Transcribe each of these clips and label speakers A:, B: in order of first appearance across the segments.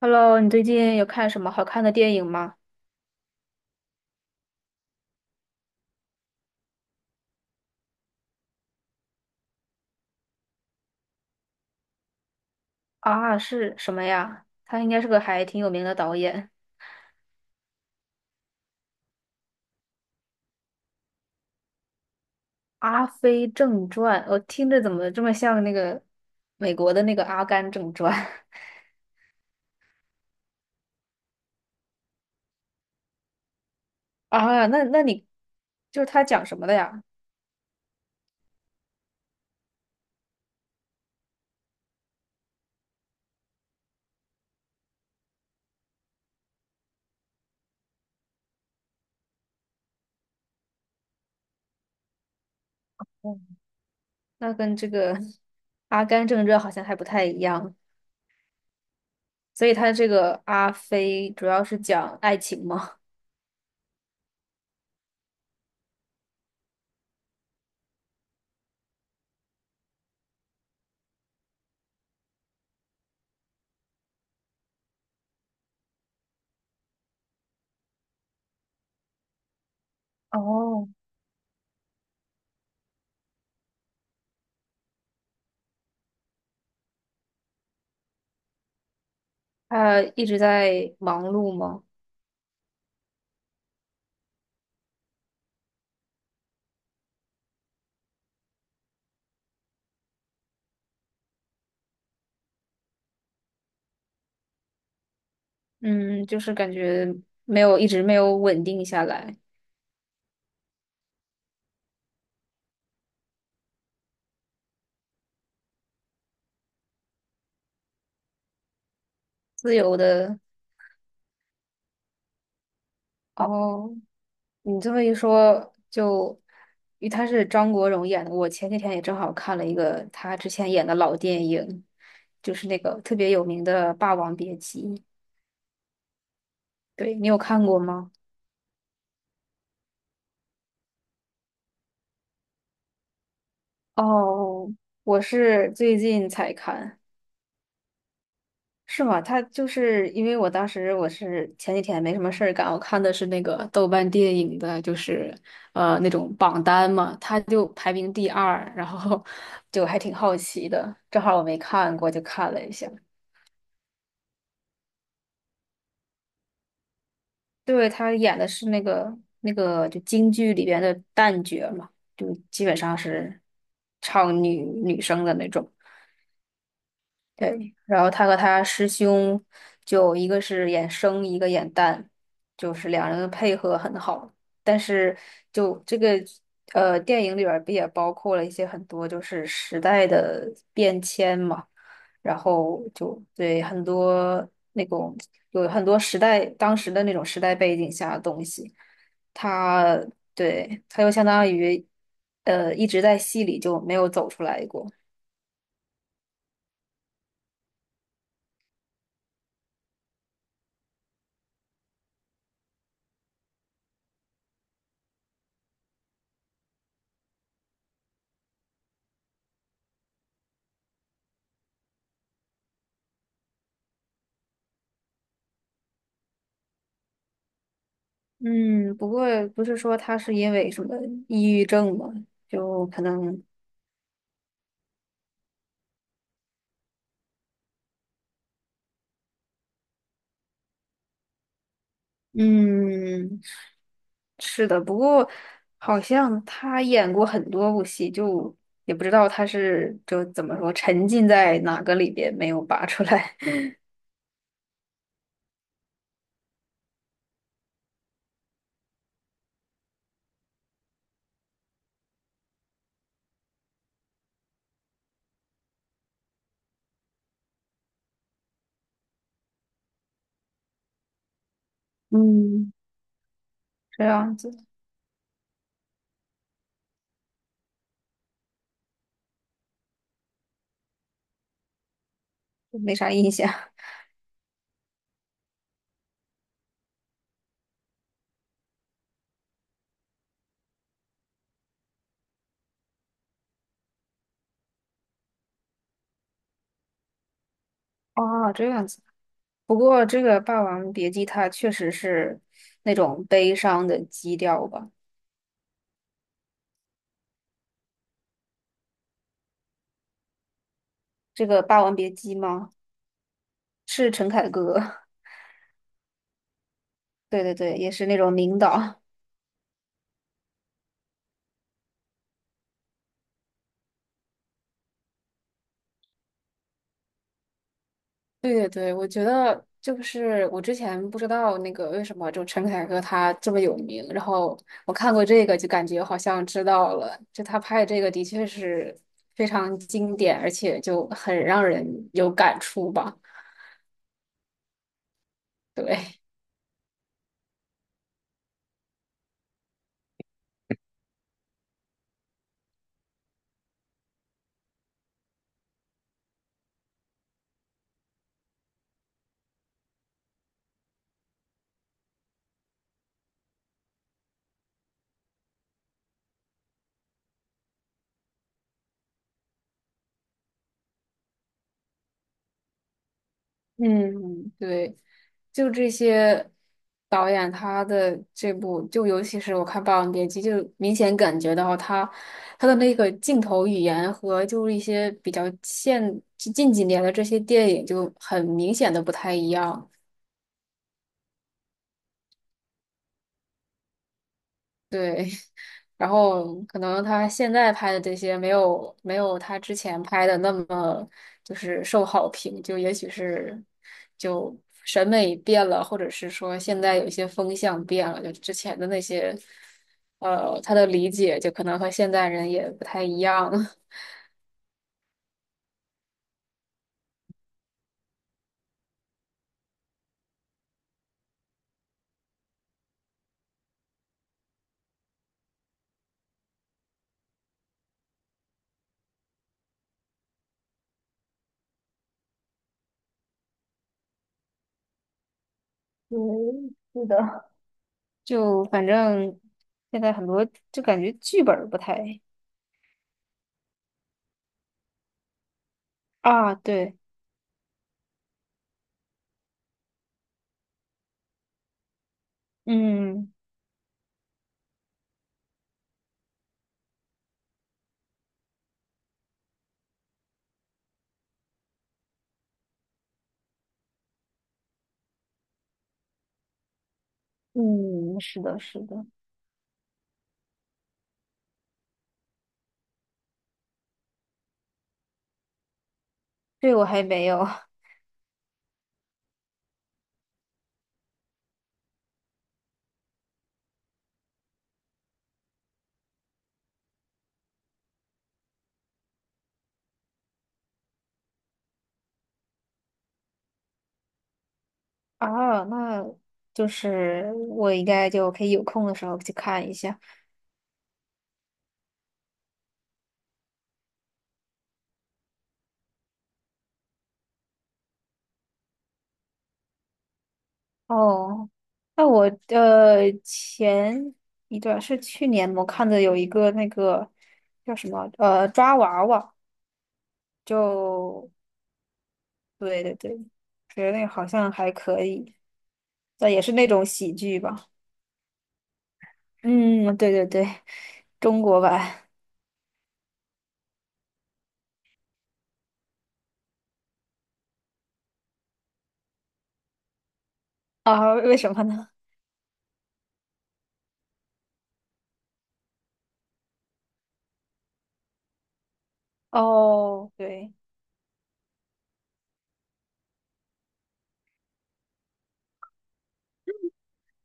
A: Hello,你最近有看什么好看的电影吗？啊，是什么呀？他应该是个还挺有名的导演。《阿飞正传》，我听着怎么这么像那个美国的那个《阿甘正传》。那你他讲什么的呀？嗯，那跟这个《阿甘正传》好像还不太一样。所以他这个阿飞主要是讲爱情吗？哦，他一直在忙碌吗？嗯，就是感觉没有，一直没有稳定下来。自由的。哦，你这么一说，因为他是张国荣演的，我前几天也正好看了一个他之前演的老电影，就是那个特别有名的《霸王别姬》。对，你有看过吗？哦，我是最近才看。是吗？他就是因为我当时我是前几天没什么事儿干，我看的是那个豆瓣电影的，就是那种榜单嘛，他就排名第二，然后就还挺好奇的，正好我没看过，就看了一下。对，他演的是那个就京剧里边的旦角嘛，就基本上是唱女生的那种。对，然后他和他师兄，就一个是演生，一个演旦，就是两人的配合很好。但是就这个电影里边儿不也包括了一些很多就是时代的变迁嘛，然后就对很多那种有很多时代当时的那种时代背景下的东西，他对他又相当于一直在戏里就没有走出来过。嗯，不过不是说他是因为什么抑郁症嘛，就可能，嗯，是的。不过好像他演过很多部戏，就也不知道他是就怎么说沉浸在哪个里边没有拔出来。嗯，这样子，就没啥印象。哦，这样子。不过这个《霸王别姬》它确实是那种悲伤的基调吧？这个《霸王别姬》吗？是陈凯歌。对对对，也是那种领导。对对对，我觉得就是我之前不知道那个为什么就陈凯歌他这么有名，然后我看过这个就感觉好像知道了，就他拍的这个的确是非常经典，而且就很让人有感触吧。对，嗯，对，就这些导演他的这部，就尤其是我看《霸王别姬》，就明显感觉到他的那个镜头语言和就是一些比较现近几年的这些电影就很明显的不太一样。对，然后可能他现在拍的这些没有他之前拍的那么就是受好评，就也许是就审美变了，或者是说现在有一些风向变了，就之前的那些他的理解就可能和现在人也不太一样。对，是的，就反正现在很多就感觉剧本儿不太。啊，对，嗯嗯，是的，是的，这我还没有。啊，那就是我应该就可以有空的时候去看一下。哦，那我前一段是去年我看的有一个那个抓娃娃，就对对对，觉得那个好像还可以，但也是那种喜剧吧。嗯，对对对，中国版。 啊，为什么呢？哦，对，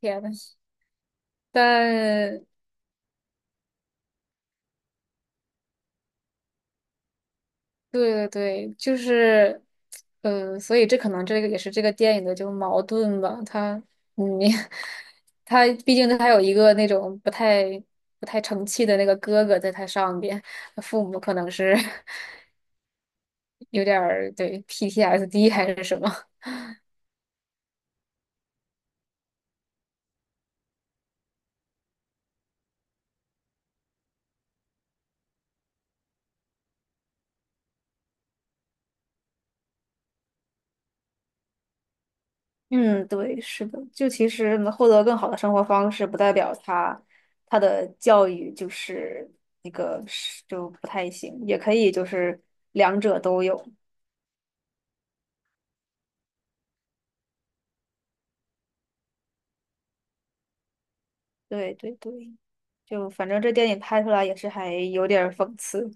A: 天呐。但对对对，就是，所以这可能这个也是这个电影的就矛盾吧。他，嗯，他毕竟它有一个那种不太成器的那个哥哥在他上边，父母可能是 有点儿对 PTSD 还是什么。嗯，对，是的，就其实能获得更好的生活方式，不代表他他的教育就是那个是就不太行，也可以就是两者都有。对对对，就反正这电影拍出来也是还有点儿讽刺。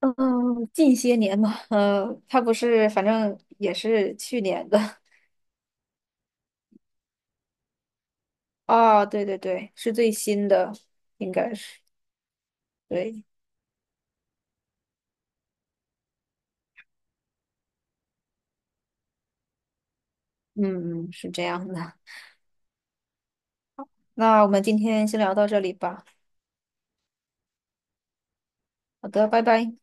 A: 嗯，近些年嘛，嗯，他不是，反正也是去年的。哦，对对对，是最新的，应该是。对，嗯，嗯是这样的。那我们今天先聊到这里吧。好的，拜拜。